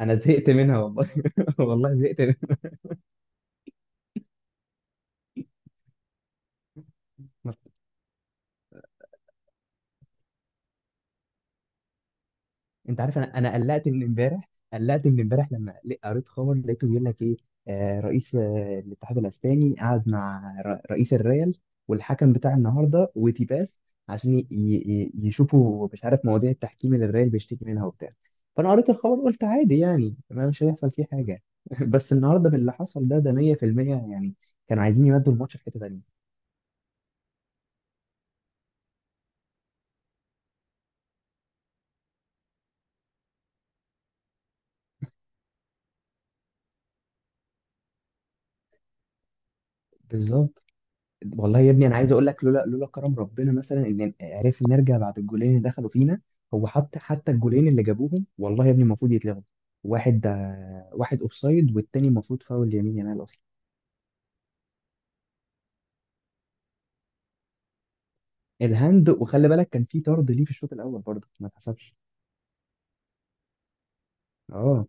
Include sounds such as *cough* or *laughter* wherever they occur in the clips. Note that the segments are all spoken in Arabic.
انا زهقت منها والله. *laughs* والله زهقت منها. انت عارف انا قلقت من امبارح، قلقت من امبارح لما قريت خبر لقيته بيقول لك ايه. رئيس الاتحاد الاسباني قعد مع رئيس الريال والحكم بتاع النهارده وتيباس، عشان يشوفوا مش عارف مواضيع التحكيم اللي الريال بيشتكي منها وبتاع. فانا قريت الخبر قلت عادي يعني ما مش هيحصل فيه حاجه. *laughs* بس النهارده باللي حصل ده 100% يعني. كانوا عايزين يمدوا الماتش في حته تانيه. بالظبط. والله يا ابني انا عايز اقول لك لولا كرم ربنا مثلا ان عرفنا نرجع بعد الجولين اللي دخلوا فينا. هو حتى الجولين اللي جابوهم والله يا ابني المفروض يتلغوا. واحد واحد اوفسايد، والتاني المفروض فاول يمين يامال اصلا. الهاند، وخلي بالك كان في طرد ليه في الشوط الاول برضه ما اتحسبش. اه.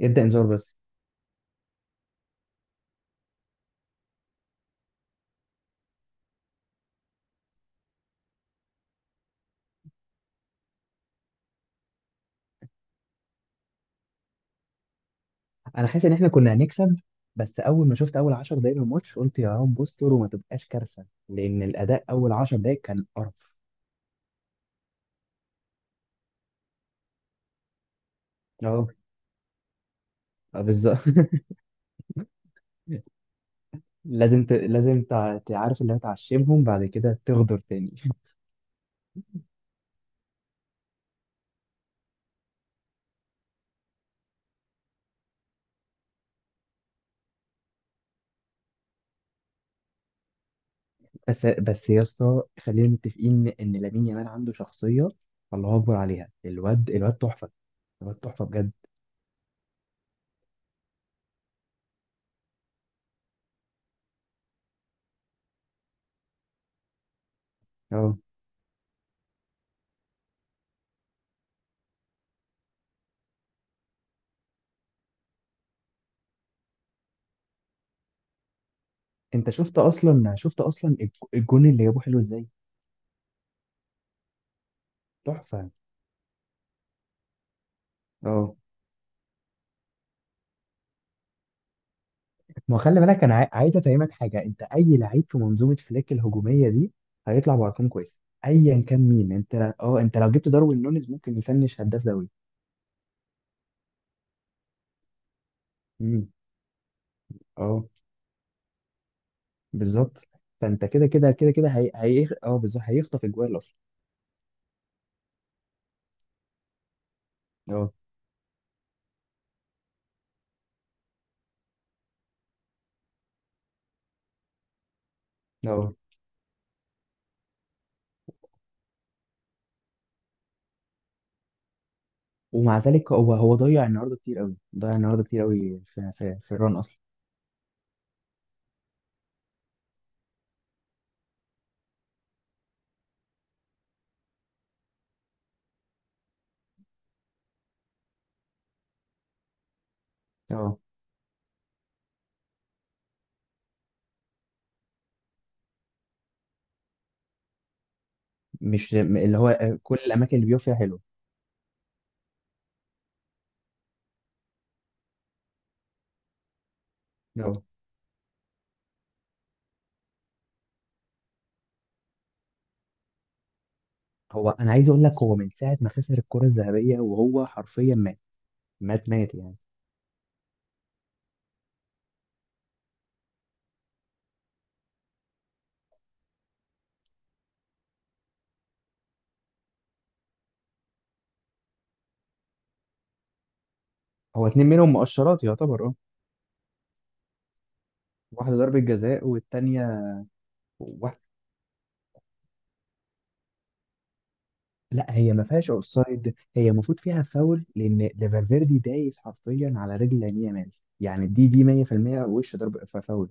ادى انذار بس. انا حاسس ان احنا كنا هنكسب. بس اول ما شفت اول 10 دقايق من الماتش قلت يا رب استر وما تبقاش كارثه، لان الاداء اول 10 دقايق كان قرف. اه. بالظبط. *laughs* لازم تعرف اللي هتعشمهم بعد كده تغدر تاني. *laughs* بس يا اسطى خلينا متفقين ان لامين يامال عنده شخصيه. الله اكبر عليها. الواد تحفه. الواد تحفه بجد. اه. انت شفت اصلا، شفت اصلا الجون اللي جابوه حلو ازاي. تحفه. اه. ما هو خلي بالك انا عايز افهمك حاجه. انت اي لعيب في منظومه فليك الهجوميه دي هيطلع بارقام كويسه، ايا كان مين. انت لو جبت داروين نونيز ممكن يفنش هداف دوري. امم. اه بالظبط. فانت كده هي... هي... إيه، اه بالظبط هيخطف اجوال اصلا. اه اه. ومع ذلك هو ضيع النهارده كتير قوي، ضيع النهارده كتير قوي في في الران اصلا. اه. مش م- اللي هو كل الاماكن اللي بيقف فيها حلوه. اه. هو انا عايز اقول لك هو من ساعه ما خسر الكره الذهبيه وهو حرفيا مات. مات مات يعني. هو اتنين منهم مؤشرات يعتبر. اه. واحده ضربه جزاء والتانيه. لا، هي ما فيهاش اوفسايد، هي المفروض فيها فاول، لان ده فالفيردي دايس حرفيا على رجل لامين يامال. يعني دي 100%. وش ضرب فاول.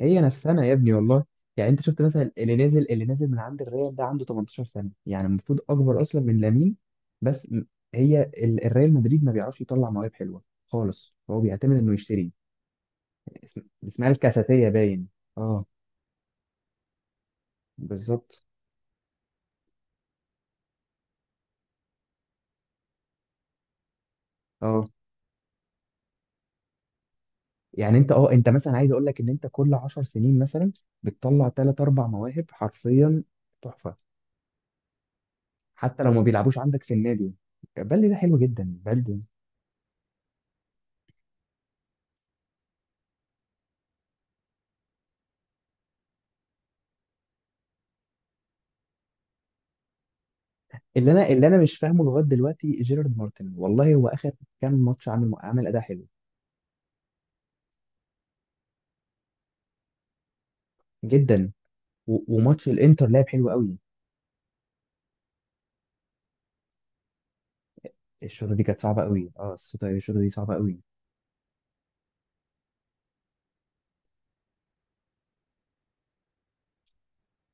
هي نفسنا يا ابني والله. يعني انت شفت مثلا اللي نازل، اللي نازل من عند الريال ده عنده 18 سنه، يعني المفروض اكبر اصلا من لامين. بس م- هي الريال مدريد ما بيعرفش يطلع مواهب حلوه خالص. هو بيعتمد انه يشتري. اسمها الكاساتيه باين. اه بالظبط. اه يعني انت مثلا عايز اقول لك ان انت كل 10 سنين مثلا بتطلع ثلاث اربع مواهب حرفيا. تحفه. حتى لو ما بيلعبوش عندك في النادي. بلدي ده حلو جدا، بلدي. اللي انا مش فاهمه لغايه دلوقتي جيرارد مارتن والله. هو اخر كام ماتش عامل اداء حلو جدا. وماتش الانتر لعب حلو قوي. الشوطه دي كانت صعبه قوي. اه، الشوطه دي صعبه قوي.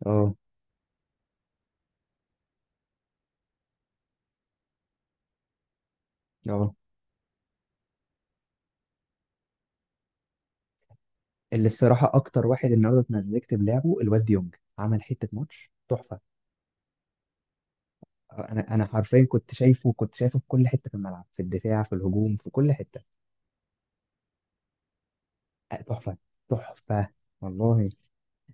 اه اه. اللي الصراحه اكتر واحد النهارده اتمزجت بلعبه الواد ديونج. عمل حته ماتش تحفه. انا حرفيا كنت شايفه، كنت شايفه في كل حته في الملعب، في الدفاع في الهجوم في كل حته. تحفه. تحفه والله.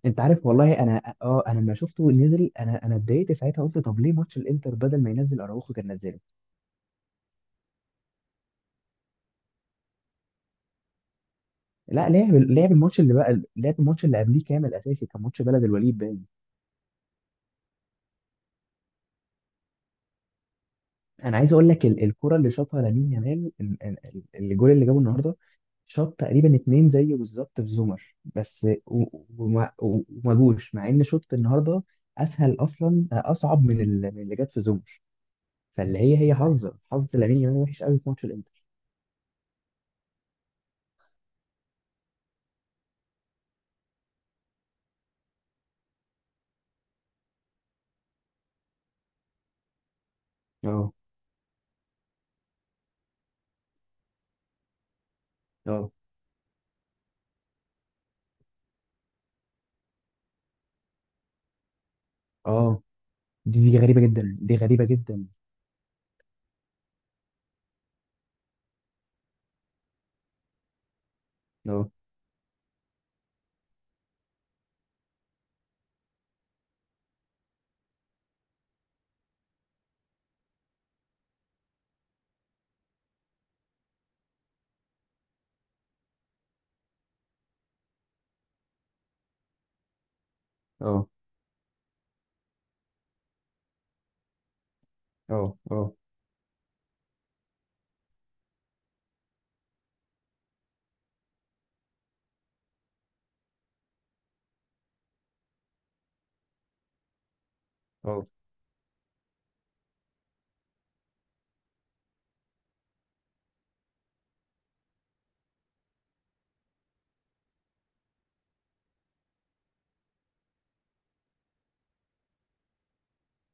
انت عارف والله، انا انا لما شفته نزل انا اتضايقت ساعتها، قلت طب ليه ماتش الانتر بدل ما ينزل اراوخو كان نزله. لا، لعب الماتش اللي بقى، لعب الماتش اللي قبليه كامل اساسي، كان ماتش بلد الوليد باين. انا عايز اقول لك الكرة اللي شاطها لامين يامال، الجول اللي جابه النهارده، شاط تقريبا اتنين زيه بالظبط في زومر، بس و- و- وما و- وما جوش مع ان شوط النهارده اسهل اصلا، اصعب من من اللي جت في زومر. فاللي هي حظ لامين يامال وحش قوي في ماتش الانتر. اه اه اه. دي غريبة جدا. دي غريبة جدا. اه اه اه اه اه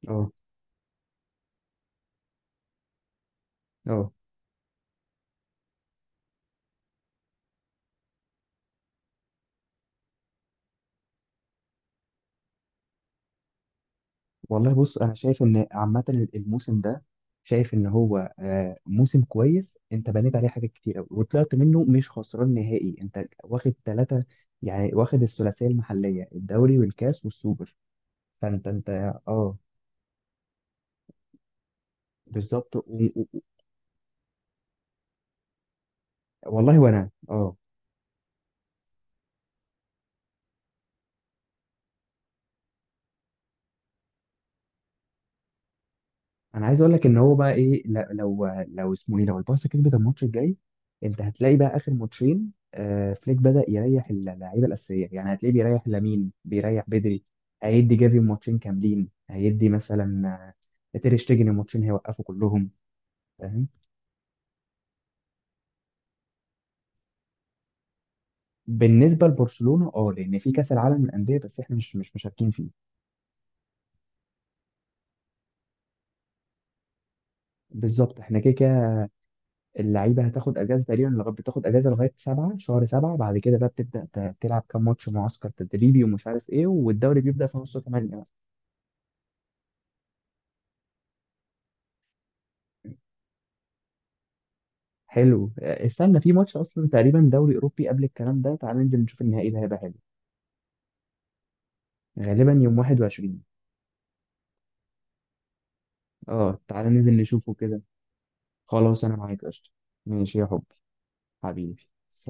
اه. آه. والله بص انا شايف ان عامه الموسم ده، شايف ان هو موسم كويس. انت بنيت عليه حاجات كتير قوي وطلعت منه مش خسران نهائي، انت واخد ثلاثه. يعني واخد الثلاثيه المحليه، الدوري والكاس والسوبر. فانت اه بالظبط. و- والله وانا اه. انا عايز اقول لك ان هو بقى ايه، لا- لو لو اسمه ايه لو البارسا كسبت الماتش الجاي، انت هتلاقي بقى اخر ماتشين فليك بدأ يريح اللعيبه الاساسيه. يعني هتلاقيه بيريح لامين، بيريح بدري، هيدي جافي ماتشين كاملين، هيدي مثلا تير شتيجن ماتشين. هيوقفوا كلهم. فاهم. بالنسبه لبرشلونه، اه، لان في كاس العالم للانديه بس احنا مش مشاركين فيه. بالظبط. احنا كده كده اللعيبه هتاخد اجازه تقريبا لغايه، بتاخد اجازه لغايه سبعة، شهر سبعة. بعد كده بقى بتبدا تلعب كام ماتش معسكر تدريبي ومش عارف ايه، والدوري بيبدا في نص 8 بقى. حلو. استنى في ماتش اصلا تقريبا دوري اوروبي قبل الكلام ده. تعال ننزل نشوف النهائي ده، هيبقى حلو. غالبا يوم 21. اه، تعال ننزل نشوفه كده. خلاص، انا معاك قشطه. ماشي يا حبي. حبيبي.